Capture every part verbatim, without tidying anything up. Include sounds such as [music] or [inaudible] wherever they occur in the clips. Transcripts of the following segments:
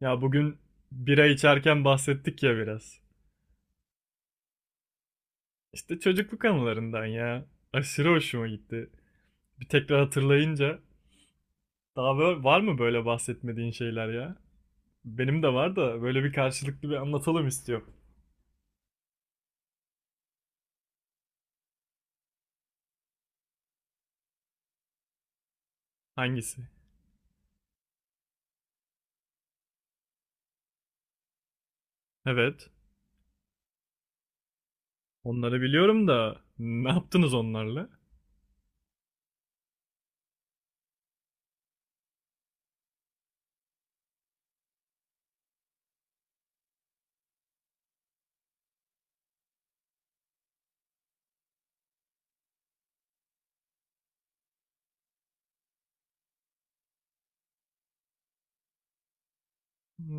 Ya bugün bira içerken bahsettik ya biraz. İşte çocukluk anılarından ya. Aşırı hoşuma gitti. Bir tekrar hatırlayınca. Daha böyle, var mı böyle bahsetmediğin şeyler ya? Benim de var da böyle bir karşılıklı bir anlatalım istiyorum. Hangisi? Evet. Onları biliyorum da ne yaptınız onlarla?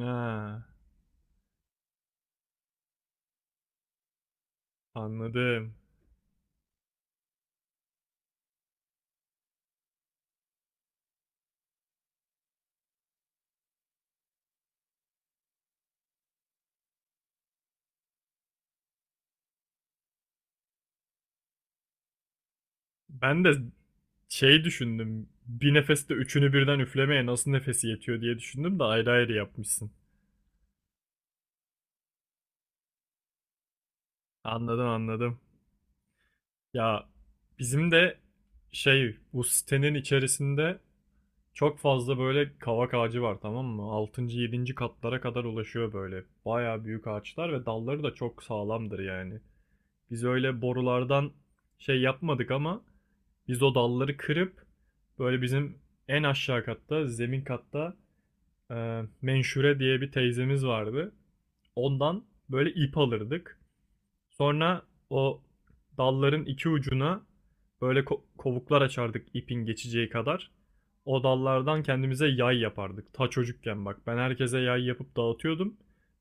Ha, anladım. Ben de şey düşündüm. Bir nefeste üçünü birden üflemeye nasıl nefesi yetiyor diye düşündüm de ayrı ayrı yapmışsın. Anladım, anladım. Ya bizim de şey bu sitenin içerisinde çok fazla böyle kavak ağacı var, tamam mı? Altıncı yedinci katlara kadar ulaşıyor böyle. Baya büyük ağaçlar ve dalları da çok sağlamdır yani. Biz öyle borulardan şey yapmadık ama biz o dalları kırıp böyle bizim en aşağı katta, zemin katta, e, Menşure diye bir teyzemiz vardı. Ondan böyle ip alırdık. Sonra o dalların iki ucuna böyle ko- kovuklar açardık, ipin geçeceği kadar. O dallardan kendimize yay yapardık. Ta çocukken bak ben herkese yay yapıp dağıtıyordum.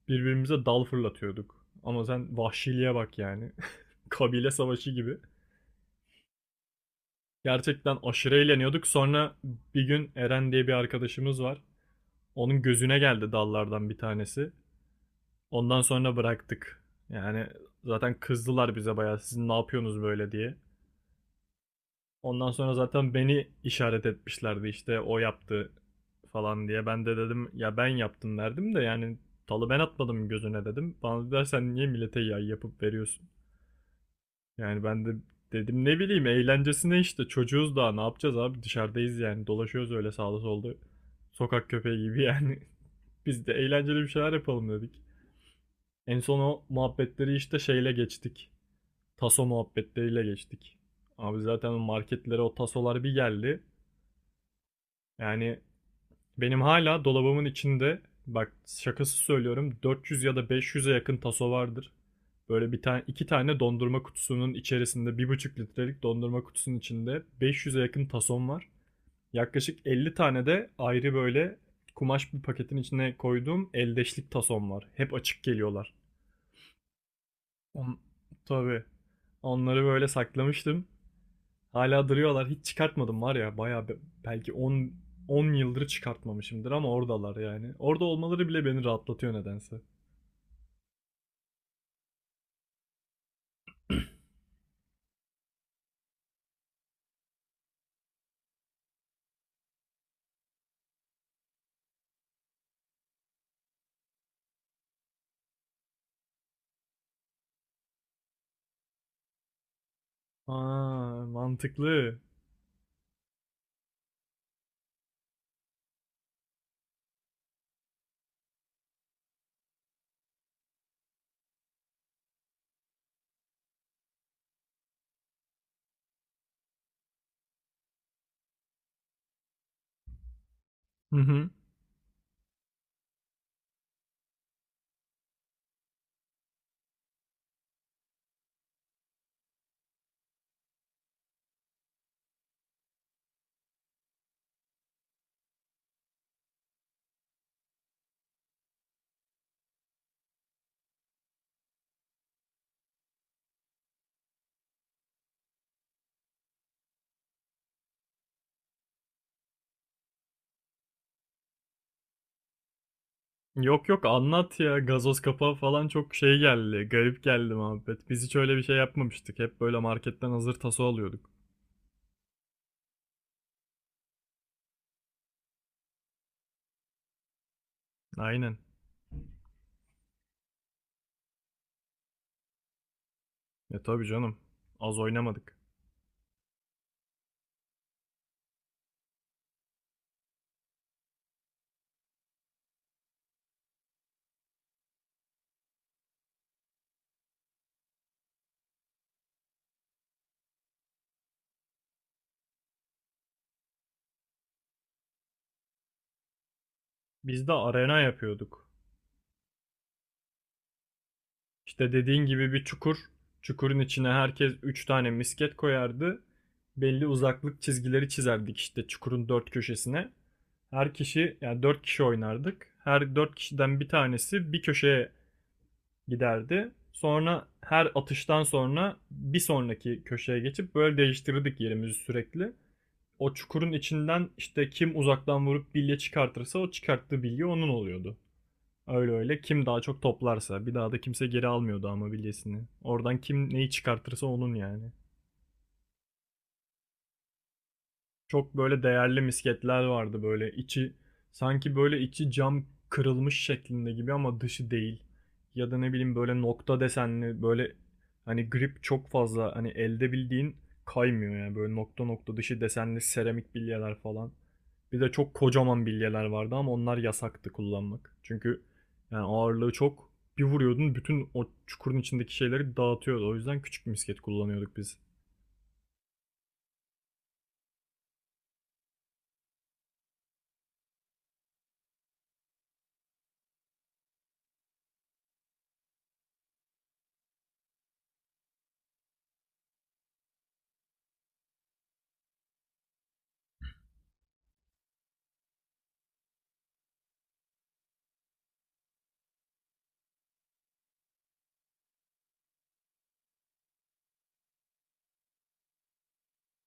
Birbirimize dal fırlatıyorduk. Ama sen vahşiliğe bak yani. [laughs] Kabile savaşı gibi. Gerçekten aşırı eğleniyorduk. Sonra bir gün Eren diye bir arkadaşımız var. Onun gözüne geldi dallardan bir tanesi. Ondan sonra bıraktık. Yani zaten kızdılar bize bayağı, sizin ne yapıyorsunuz böyle diye. Ondan sonra zaten beni işaret etmişlerdi, işte o yaptı falan diye. Ben de dedim ya ben yaptım derdim de yani talı ben atmadım gözüne dedim. Bana dediler sen niye millete yay yapıp veriyorsun? Yani ben de dedim ne bileyim, eğlencesine işte, çocuğuz daha, ne yapacağız abi, dışarıdayız yani, dolaşıyoruz öyle sağda solda. Sokak köpeği gibi yani. [laughs] Biz de eğlenceli bir şeyler yapalım dedik. En son o muhabbetleri işte şeyle geçtik. Taso muhabbetleriyle geçtik. Abi zaten marketlere o tasolar bir geldi. Yani, benim hala dolabımın içinde, bak şakası söylüyorum, dört yüz ya da beş yüze yakın taso vardır. Böyle bir tane iki tane dondurma kutusunun içerisinde, bir buçuk litrelik dondurma kutusunun içinde beş yüze yakın tason var. Yaklaşık elli tane de ayrı böyle kumaş bir paketin içine koyduğum eldeşlik tason var. Hep açık geliyorlar. On, tabii. Onları böyle saklamıştım. Hala duruyorlar. Hiç çıkartmadım var ya. Bayağı be- belki on 10 yıldır çıkartmamışımdır ama oradalar yani. Orada olmaları bile beni rahatlatıyor nedense. Aa, mantıklı. Hı hı. Yok yok, anlat ya. Gazoz kapağı falan çok şey geldi. Garip geldi muhabbet. Biz hiç öyle bir şey yapmamıştık. Hep böyle marketten hazır taso alıyorduk. Aynen. E tabii canım. Az oynamadık. Biz de arena yapıyorduk. İşte dediğin gibi bir çukur. Çukurun içine herkes üç tane misket koyardı. Belli uzaklık çizgileri çizerdik işte çukurun dört köşesine. Her kişi yani dört kişi oynardık. Her dört kişiden bir tanesi bir köşeye giderdi. Sonra her atıştan sonra bir sonraki köşeye geçip böyle değiştirirdik yerimizi sürekli. O çukurun içinden işte kim uzaktan vurup bilye çıkartırsa o çıkarttığı bilye onun oluyordu. Öyle öyle. Kim daha çok toplarsa. Bir daha da kimse geri almıyordu ama bilyesini. Oradan kim neyi çıkartırsa onun yani. Çok böyle değerli misketler vardı, böyle içi sanki böyle içi cam kırılmış şeklinde gibi ama dışı değil. Ya da ne bileyim böyle nokta desenli böyle, hani grip çok fazla, hani elde bildiğin kaymıyor yani, böyle nokta nokta dışı desenli seramik bilyeler falan. Bir de çok kocaman bilyeler vardı ama onlar yasaktı kullanmak. Çünkü yani ağırlığı çok. Bir vuruyordun bütün o çukurun içindeki şeyleri dağıtıyordu. O yüzden küçük misket kullanıyorduk biz.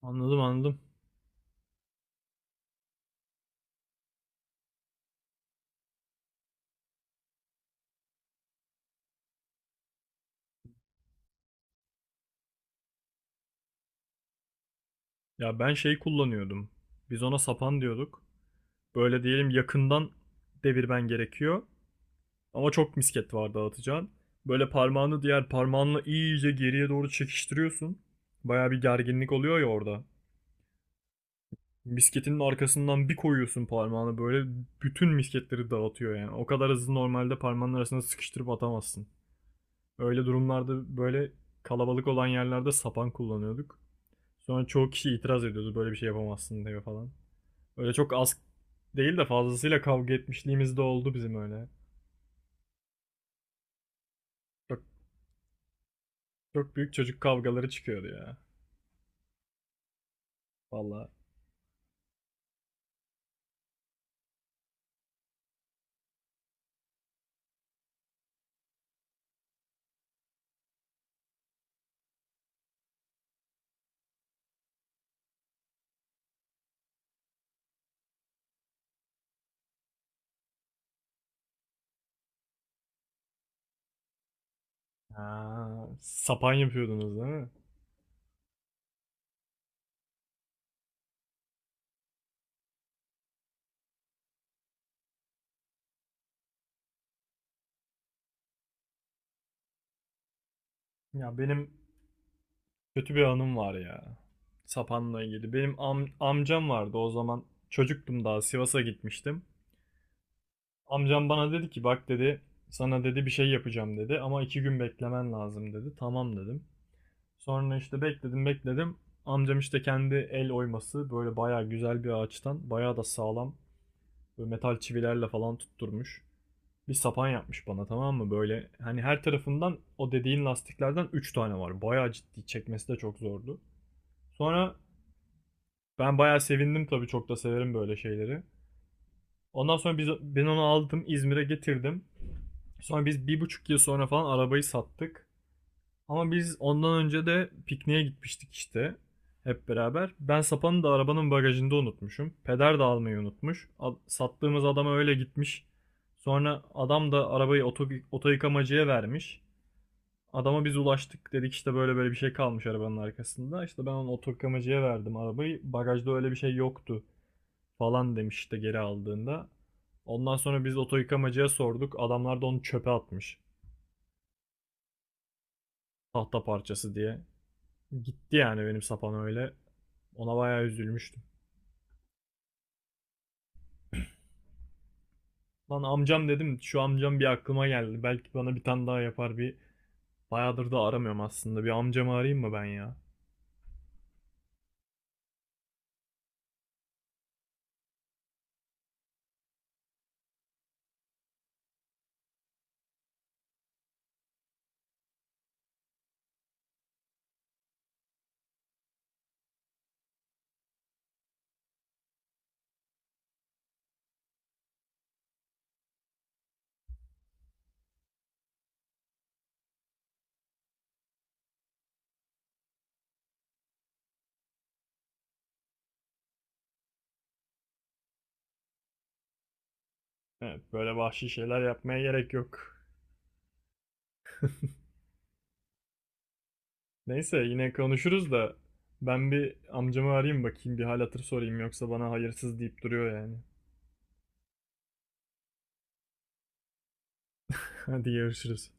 Anladım, anladım. Ya ben şey kullanıyordum. Biz ona sapan diyorduk. Böyle diyelim yakından devirmen gerekiyor. Ama çok misket var dağıtacağın. Böyle parmağını diğer parmağınla iyice geriye doğru çekiştiriyorsun. Baya bir gerginlik oluyor ya orada. Misketinin arkasından bir koyuyorsun parmağını, böyle bütün misketleri dağıtıyor yani. O kadar hızlı normalde parmağının arasına sıkıştırıp atamazsın. Öyle durumlarda böyle kalabalık olan yerlerde sapan kullanıyorduk. Sonra çoğu kişi itiraz ediyordu, böyle bir şey yapamazsın diye falan. Öyle çok az değil de fazlasıyla kavga etmişliğimiz de oldu bizim öyle. Çok, çok büyük çocuk kavgaları çıkıyordu ya. Vallahi. Ha, sapan yapıyordunuz değil mi? Ya benim Kötü bir anım var ya. Sapanla ilgili. Benim am- amcam vardı o zaman. Çocuktum daha, Sivas'a gitmiştim. Amcam bana dedi ki bak dedi, sana dedi bir şey yapacağım dedi ama iki gün beklemen lazım dedi. Tamam dedim. Sonra işte bekledim bekledim. Amcam işte kendi el oyması, böyle bayağı güzel bir ağaçtan, bayağı da sağlam, böyle metal çivilerle falan tutturmuş. Bir sapan yapmış bana, tamam mı? Böyle hani her tarafından o dediğin lastiklerden üç tane var. Bayağı ciddi, çekmesi de çok zordu. Sonra ben bayağı sevindim tabii, çok da severim böyle şeyleri. Ondan sonra biz, ben onu aldım İzmir'e getirdim. Sonra biz bir buçuk yıl sonra falan arabayı sattık. Ama biz ondan önce de pikniğe gitmiştik işte. Hep beraber. Ben sapanı da arabanın bagajında unutmuşum. Peder de almayı unutmuş. Al- Sattığımız adama öyle gitmiş. Sonra adam da arabayı oto, oto yıkamacıya vermiş. Adama biz ulaştık dedik, işte böyle böyle bir şey kalmış arabanın arkasında. İşte ben onu oto yıkamacıya verdim arabayı. Bagajda öyle bir şey yoktu falan demiş işte geri aldığında. Ondan sonra biz oto yıkamacıya sorduk. Adamlar da onu çöpe atmış. Tahta parçası diye. Gitti yani benim sapan öyle. Ona bayağı üzülmüştüm. Lan amcam dedim, şu amcam bir aklıma geldi. Belki bana bir tane daha yapar bir. Bayağıdır da aramıyorum aslında. Bir amcamı arayayım mı ben ya? Evet, böyle vahşi şeyler yapmaya gerek yok. Neyse yine konuşuruz da ben bir amcamı arayayım bakayım, bir hal hatır sorayım, yoksa bana hayırsız deyip duruyor yani. [laughs] Hadi görüşürüz.